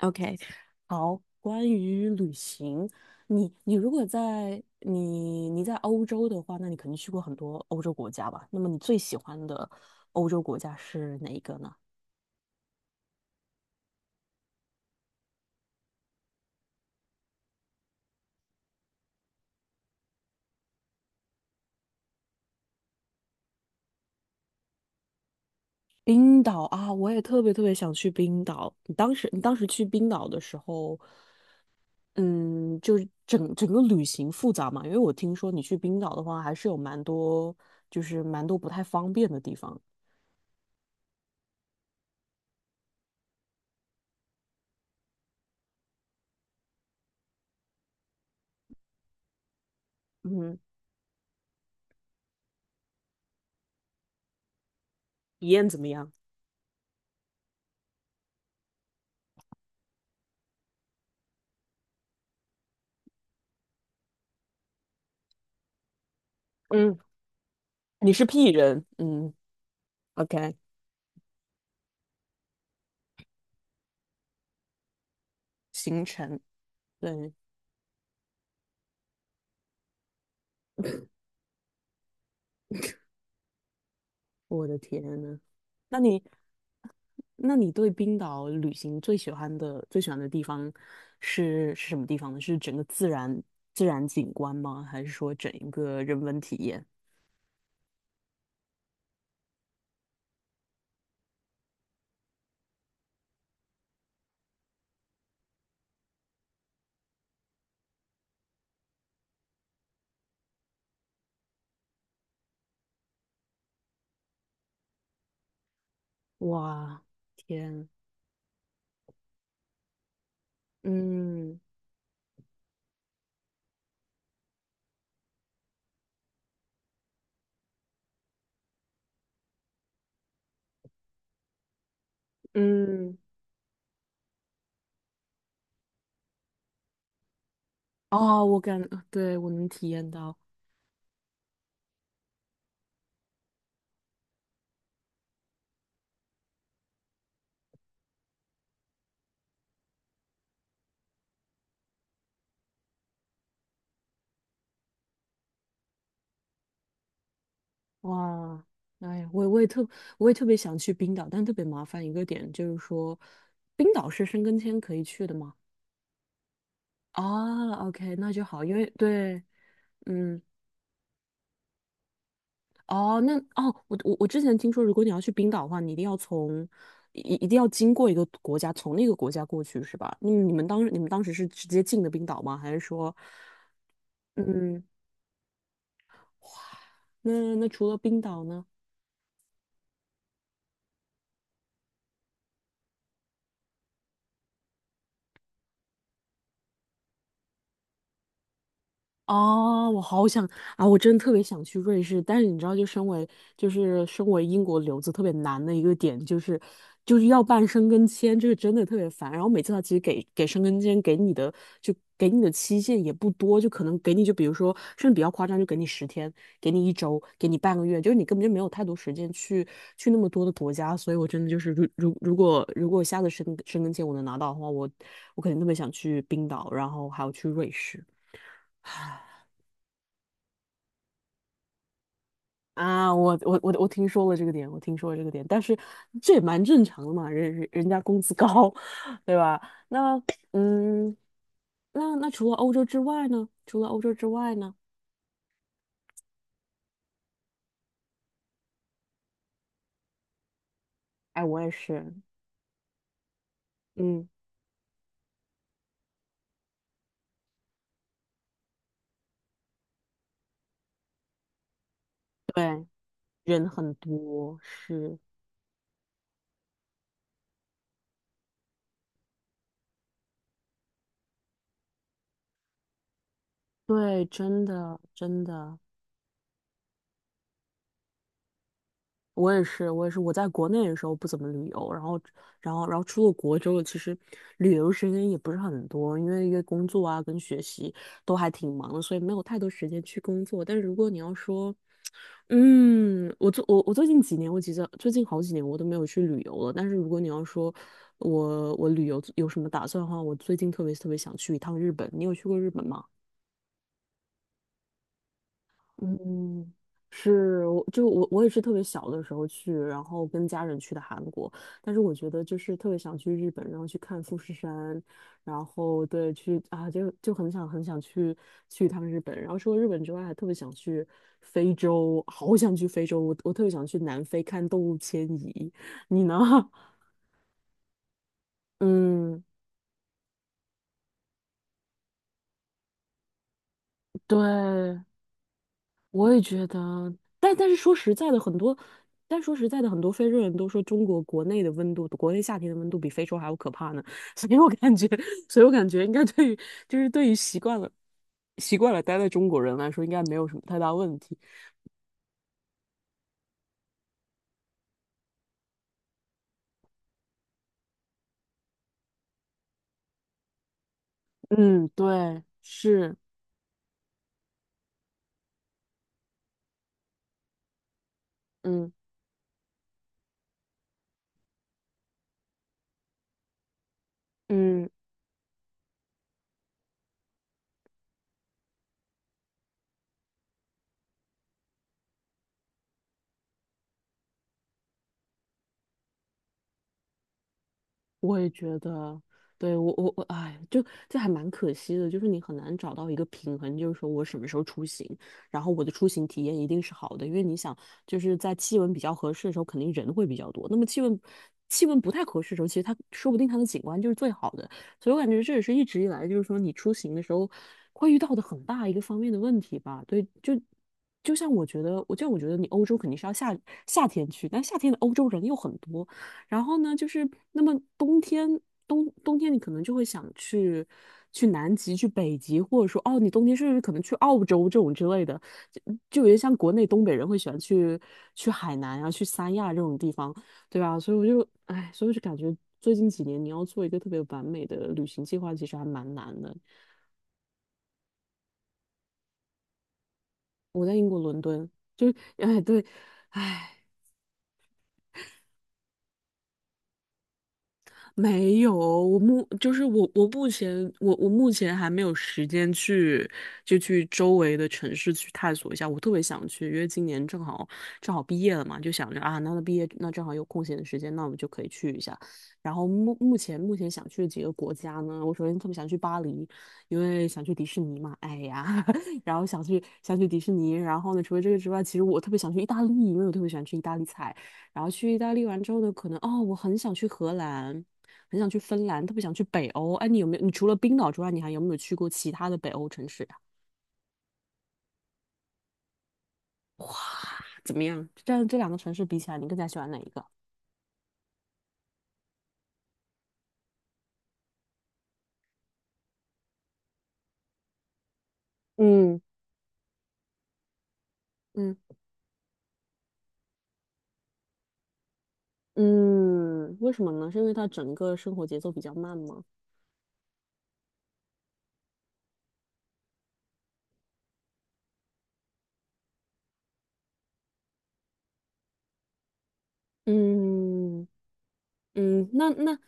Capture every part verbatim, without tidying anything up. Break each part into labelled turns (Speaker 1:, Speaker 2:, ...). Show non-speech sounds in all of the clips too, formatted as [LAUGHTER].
Speaker 1: OK，好，关于旅行，你你如果在你你在欧洲的话，那你肯定去过很多欧洲国家吧？那么你最喜欢的欧洲国家是哪一个呢？冰岛啊，我也特别特别想去冰岛。你当时你当时去冰岛的时候，嗯，就是整整个旅行复杂嘛？因为我听说你去冰岛的话，还是有蛮多就是蛮多不太方便的地方。嗯，体验怎么样？嗯，你是 P 人，嗯，OK。行程。对，我的天呐，那你，那你对冰岛旅行最喜欢的最喜欢的地方是是什么地方呢？是整个自然自然景观吗？还是说整一个人文体验？哇，天，嗯嗯，哦，我感，对，我能体验到，哇，哎呀我也我也特我也特别想去冰岛，但特别麻烦一个点就是说，冰岛是申根签可以去的吗？哦，OK，那就好，因为对，嗯，哦，那哦，我我我之前听说，如果你要去冰岛的话，你一定要从一一定要经过一个国家，从那个国家过去，是吧？那你们当你们当时是直接进的冰岛吗？还是说，嗯，那那除了冰岛呢？哦，我好想啊！我真的特别想去瑞士，但是你知道，就身为就是身为英国留子特别难的一个点，就是就是要办申根签，就是真的特别烦。然后每次他其实给给申根签给你的就给你的期限也不多，就可能给你就比如说甚至比较夸张，就给你十天，给你一周，给你半个月，就是你根本就没有太多时间去去那么多的国家。所以我真的就是如如如果如果下次申申根签我能拿到的话，我我肯定特别想去冰岛，然后还要去瑞士。啊，我我我我听说了这个点，我听说了这个点，但是这也蛮正常的嘛，人人人家工资高，[LAUGHS] 对吧？那嗯，那那除了欧洲之外呢？除了欧洲之外呢？哎，我也是，嗯，对，人很多，是，对，真的真的。我也是，我也是。我在国内的时候不怎么旅游，然后，然后，然后出了国之后，其实旅游时间也不是很多，因为因为工作啊跟学习都还挺忙的，所以没有太多时间去工作。但是如果你要说，嗯，我最我我最近几年，我其实最近好几年我都没有去旅游了。但是如果你要说我我旅游有什么打算的话，我最近特别特别想去一趟日本。你有去过日本吗？嗯，是，我就我我也是特别小的时候去，然后跟家人去的韩国，但是我觉得就是特别想去日本，然后去看富士山，然后对去啊，就就很想很想去去一趟日本，然后除了日本之外，还特别想去非洲，好想去非洲，我我特别想去南非看动物迁移，你呢？[LAUGHS] 嗯，对，我也觉得，但但是说实在的，很多，但说实在的，很多非洲人都说中国国内的温度，国内夏天的温度比非洲还要可怕呢。[LAUGHS] 所以我感觉，所以我感觉应该对于，就是对于习惯了，习惯了待在中国人来说，应该没有什么太大问题。嗯，对，是，嗯嗯。我也觉得，对，我我我，哎，就这还蛮可惜的，就是你很难找到一个平衡，就是说我什么时候出行，然后我的出行体验一定是好的，因为你想，就是在气温比较合适的时候，肯定人会比较多，那么气温气温不太合适的时候，其实它说不定它的景观就是最好的，所以我感觉这也是一直以来就是说你出行的时候会遇到的很大一个方面的问题吧，对，就。就像我觉得，我就像我觉得你欧洲肯定是要夏夏天去，但夏天的欧洲人又很多，然后呢，就是那么冬天，冬冬天你可能就会想去去南极、去北极，或者说哦，你冬天甚至可能去澳洲这种之类的，就就有点像国内东北人会喜欢去去海南啊、去三亚这种地方，对吧？所以我就哎，所以我就感觉最近几年你要做一个特别完美的旅行计划，其实还蛮难的。我在英国伦敦，就哎对，哎。没有哦，我目就是我，我目前我我目前还没有时间去就去周围的城市去探索一下，我特别想去，因为今年正好正好毕业了嘛，就想着啊，那那毕业那正好有空闲的时间，那我们就可以去一下。然后目目前目前想去的几个国家呢，我首先特别想去巴黎，因为想去迪士尼嘛，哎呀，[LAUGHS] 然后想去想去迪士尼，然后呢，除了这个之外，其实我特别想去意大利，因为我特别喜欢吃意大利菜。然后去意大利完之后呢，可能哦，我很想去荷兰。很想去芬兰，特别想去北欧。哎，你有没有？你除了冰岛之外，你还有没有去过其他的北欧城市呀？哇，怎么样？这样这两个城市比起来，你更加喜欢哪一个？嗯嗯嗯，为什么呢？是因为它整个生活节奏比较慢吗？嗯嗯，那那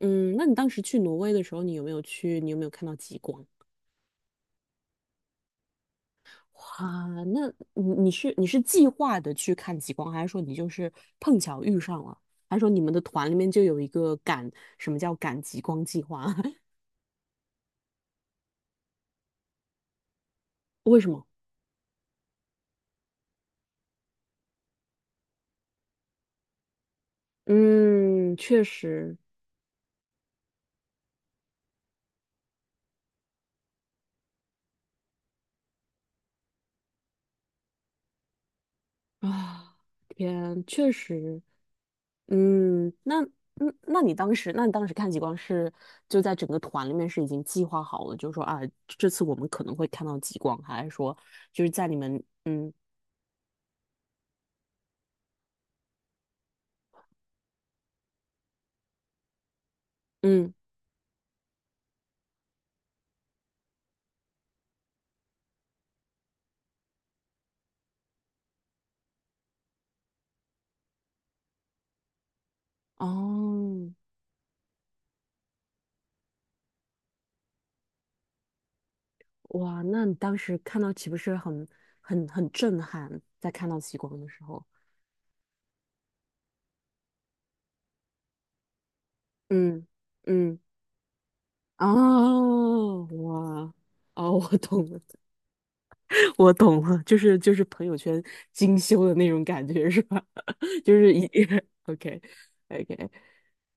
Speaker 1: 嗯，那你当时去挪威的时候，你有没有去？你有没有看到极光？哇，那你你是你是计划的去看极光，还是说你就是碰巧遇上了？还是说你们的团里面就有一个赶，什么叫赶极光计划？[LAUGHS] 为什么？嗯，确实啊，天，确实，嗯，那嗯，那你当时，那你当时看极光是就在整个团里面是已经计划好了，就是说啊，这次我们可能会看到极光，还是说就是在你们嗯嗯哦哇，那你当时看到岂不是很很很震撼？在看到极光的时候，嗯嗯，哦，哇，哦，我懂了，[LAUGHS] 我懂了，就是就是朋友圈精修的那种感觉是吧？[LAUGHS] 就是一 [LAUGHS] OK OK，